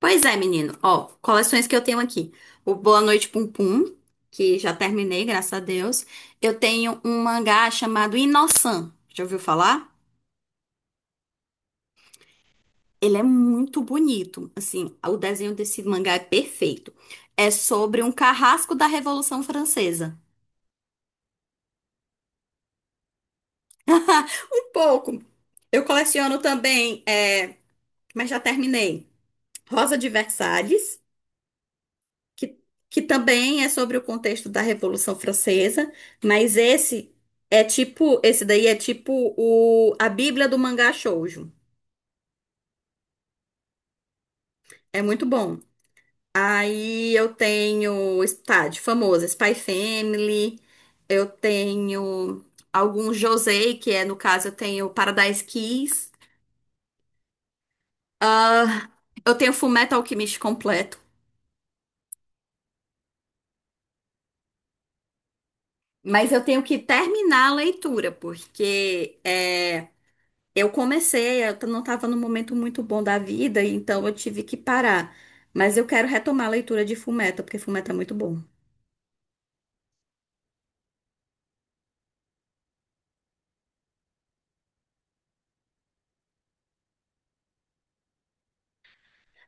Pois é, menino. Ó, coleções que eu tenho aqui. O Boa Noite Pum Pum, que já terminei, graças a Deus. Eu tenho um mangá chamado Inosan. Já ouviu falar? Ele é muito bonito. Assim, o desenho desse mangá é perfeito. É sobre um carrasco da Revolução Francesa. Um pouco. Eu coleciono também, é, mas já terminei. Rosa de Versalhes, que, que também é sobre o contexto da Revolução Francesa, mas esse daí é tipo a Bíblia do mangá shoujo. É muito bom. Aí eu tenho, tá, de famosa, Spy Family, eu tenho alguns Josei, que é, no caso, eu tenho Paradise Kiss. Ah, eu tenho Fullmetal Alchemist completo, mas eu tenho que terminar a leitura, porque é. Eu comecei, eu não estava num momento muito bom da vida, então eu tive que parar. Mas eu quero retomar a leitura de Fullmetal, porque Fullmetal é muito bom.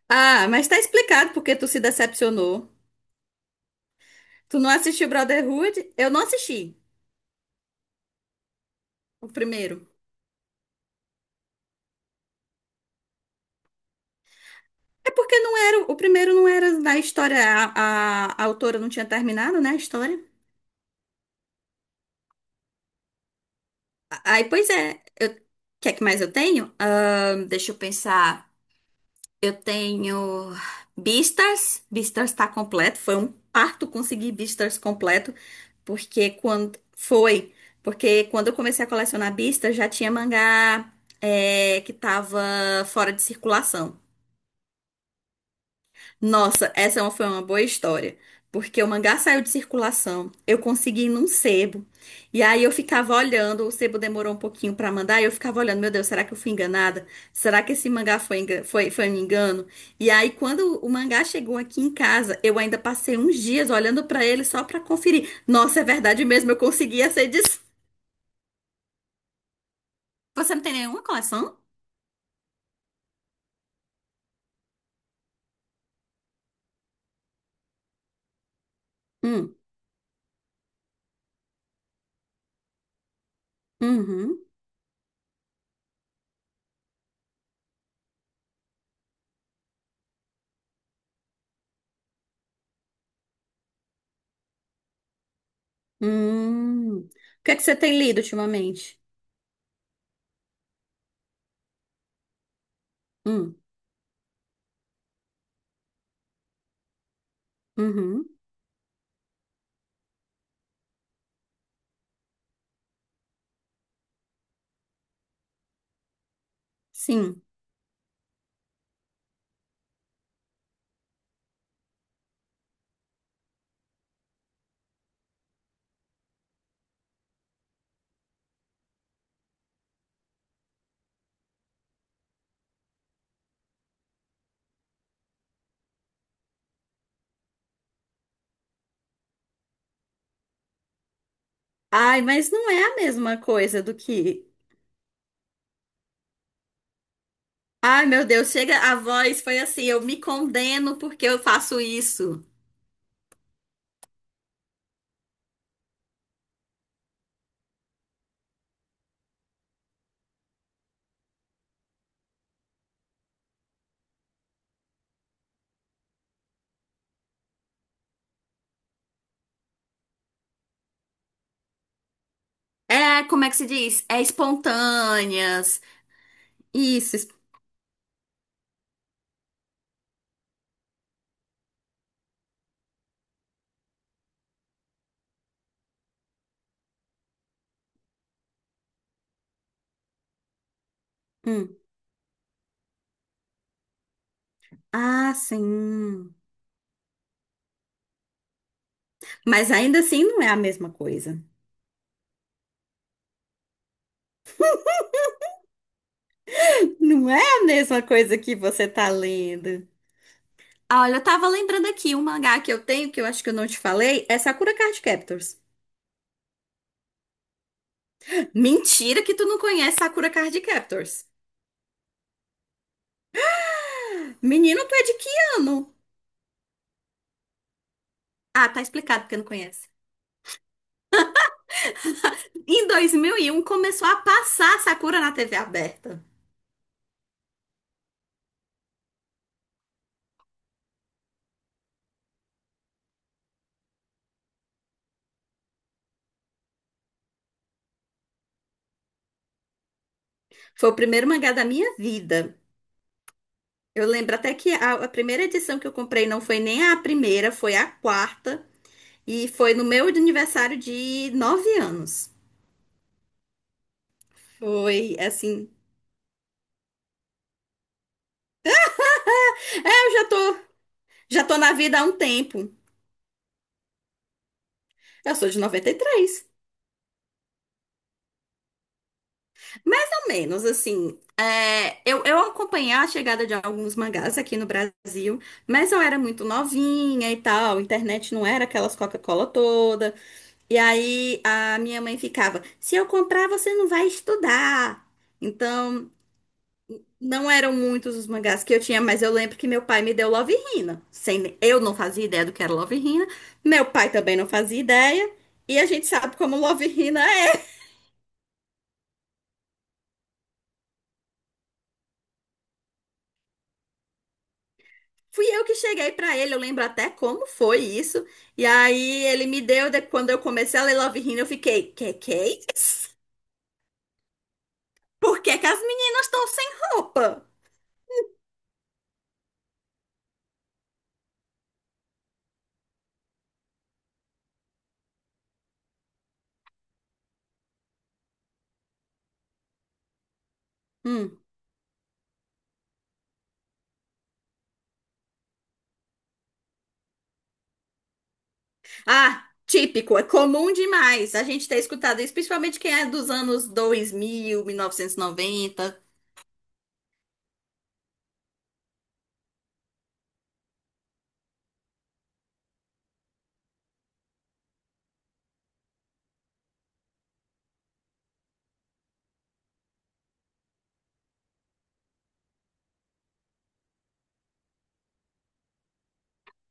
Ah, mas tá explicado porque tu se decepcionou. Tu não assistiu Brotherhood? Eu não assisti o primeiro. É porque não era, o primeiro não era na história, a autora não tinha terminado, né, a história. Aí, pois é, o que é que mais eu tenho? Deixa eu pensar. Eu tenho Beastars. Beastars tá completo. Foi um parto conseguir Beastars completo, porque quando foi, porque quando eu comecei a colecionar Beastars já tinha mangá, que tava fora de circulação. Nossa, foi uma boa história, porque o mangá saiu de circulação, eu consegui ir num sebo, e aí eu ficava olhando, o sebo demorou um pouquinho pra mandar, e eu ficava olhando, meu Deus, será que eu fui enganada? Será que esse mangá foi um engano? E aí, quando o mangá chegou aqui em casa, eu ainda passei uns dias olhando pra ele só pra conferir. Nossa, é verdade mesmo, eu consegui essa edição. Você não tem nenhuma coleção? Hum, uhum. O que é que você tem lido ultimamente? Hum, uhum, sim. Ai, mas não é a mesma coisa do que. Ai, meu Deus, chega a voz, foi assim, eu me condeno porque eu faço isso. É, como é que se diz? É espontâneas. Isso. Hum. Ah, sim. Mas ainda assim não é a mesma coisa. Não é a mesma coisa que você tá lendo. Ah, olha, eu tava lembrando aqui um mangá que eu tenho, que eu acho que eu não te falei, é Sakura Card Captors. Mentira que tu não conhece Sakura Card Captors. Menino, tu é de que ano? Ah, tá explicado porque não conhece. Em 2001 começou a passar Sakura na TV aberta. Foi o primeiro mangá da minha vida. Eu lembro até que a primeira edição que eu comprei não foi nem a primeira, foi a quarta. E foi no meu aniversário de 9 anos. Foi assim. É, eu já tô na vida há um tempo. Eu sou de 93. Mais ou menos, assim. Eu acompanhei a chegada de alguns mangás aqui no Brasil, mas eu era muito novinha e tal, a internet não era aquelas Coca-Cola toda. E aí a minha mãe ficava: se eu comprar, você não vai estudar. Então, não eram muitos os mangás que eu tinha, mas eu lembro que meu pai me deu Love Hina. Sem, Eu não fazia ideia do que era Love Hina, meu pai também não fazia ideia, e a gente sabe como Love Hina é. Fui eu que cheguei pra ele, eu lembro até como foi isso. E aí ele me deu, quando eu comecei a ler Love Hina, eu fiquei, que é isso? Por que que as meninas estão sem roupa? Hum. Ah, típico, é comum demais a gente ter escutado isso, principalmente quem é dos anos 2000, 1990.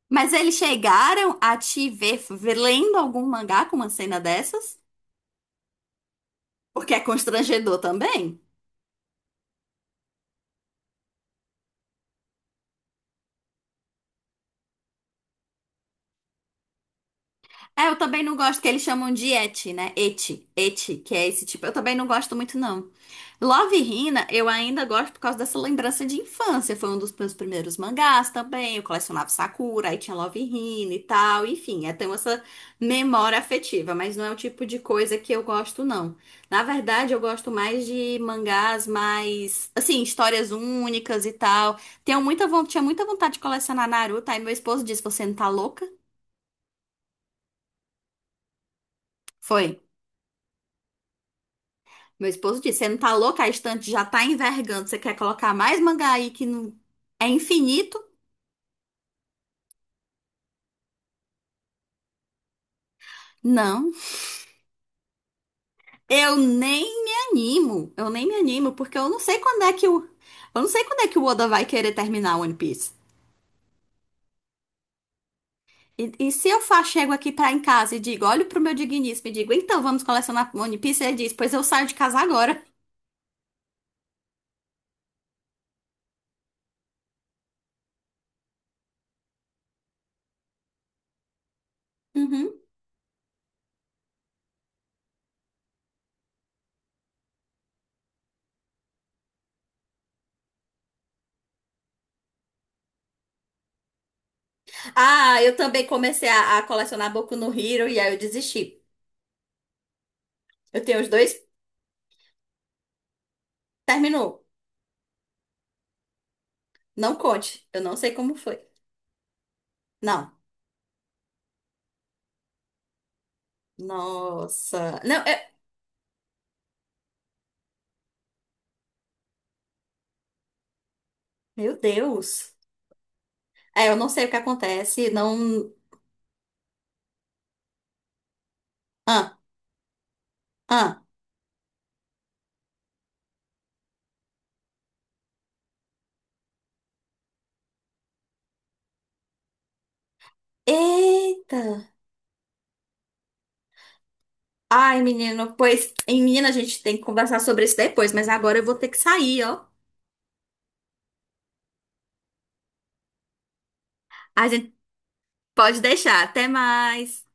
Mas eles chegaram a te ver, lendo algum mangá com uma cena dessas? Porque é constrangedor também. É, eu também não gosto que eles chamam de eti, né? Eti, eti, que é esse tipo. Eu também não gosto muito, não. Love Hina, eu ainda gosto por causa dessa lembrança de infância. Foi um dos meus primeiros mangás também. Eu colecionava Sakura, aí tinha Love Hina e tal. Enfim, tenho essa memória afetiva, mas não é o tipo de coisa que eu gosto, não. Na verdade, eu gosto mais de mangás mais, assim, histórias únicas e tal. Tinha muita vontade de colecionar Naruto, aí meu esposo disse: Você não tá louca? Foi. Meu esposo disse: Você não tá louca? A estante já tá envergando. Você quer colocar mais mangá aí que não é infinito? Não, eu nem me animo. Eu nem me animo, porque eu não sei quando é que o. Eu não sei quando é que o Oda vai querer terminar One Piece. E se eu chego aqui pra em casa e digo, olho pro meu digníssimo e digo, então vamos colecionar One Piece, ele diz, pois eu saio de casa agora. Uhum. Ah, eu também comecei a colecionar Boku no Hero e aí eu desisti. Eu tenho os dois, terminou. Não conte, eu não sei como foi. Não. Nossa. Não, é. Meu Deus. É, eu não sei o que acontece, não. Ah, ah. Eita. Ai, menino, pois, em menina, a gente tem que conversar sobre isso depois, mas agora eu vou ter que sair, ó. A gente pode deixar. Até mais.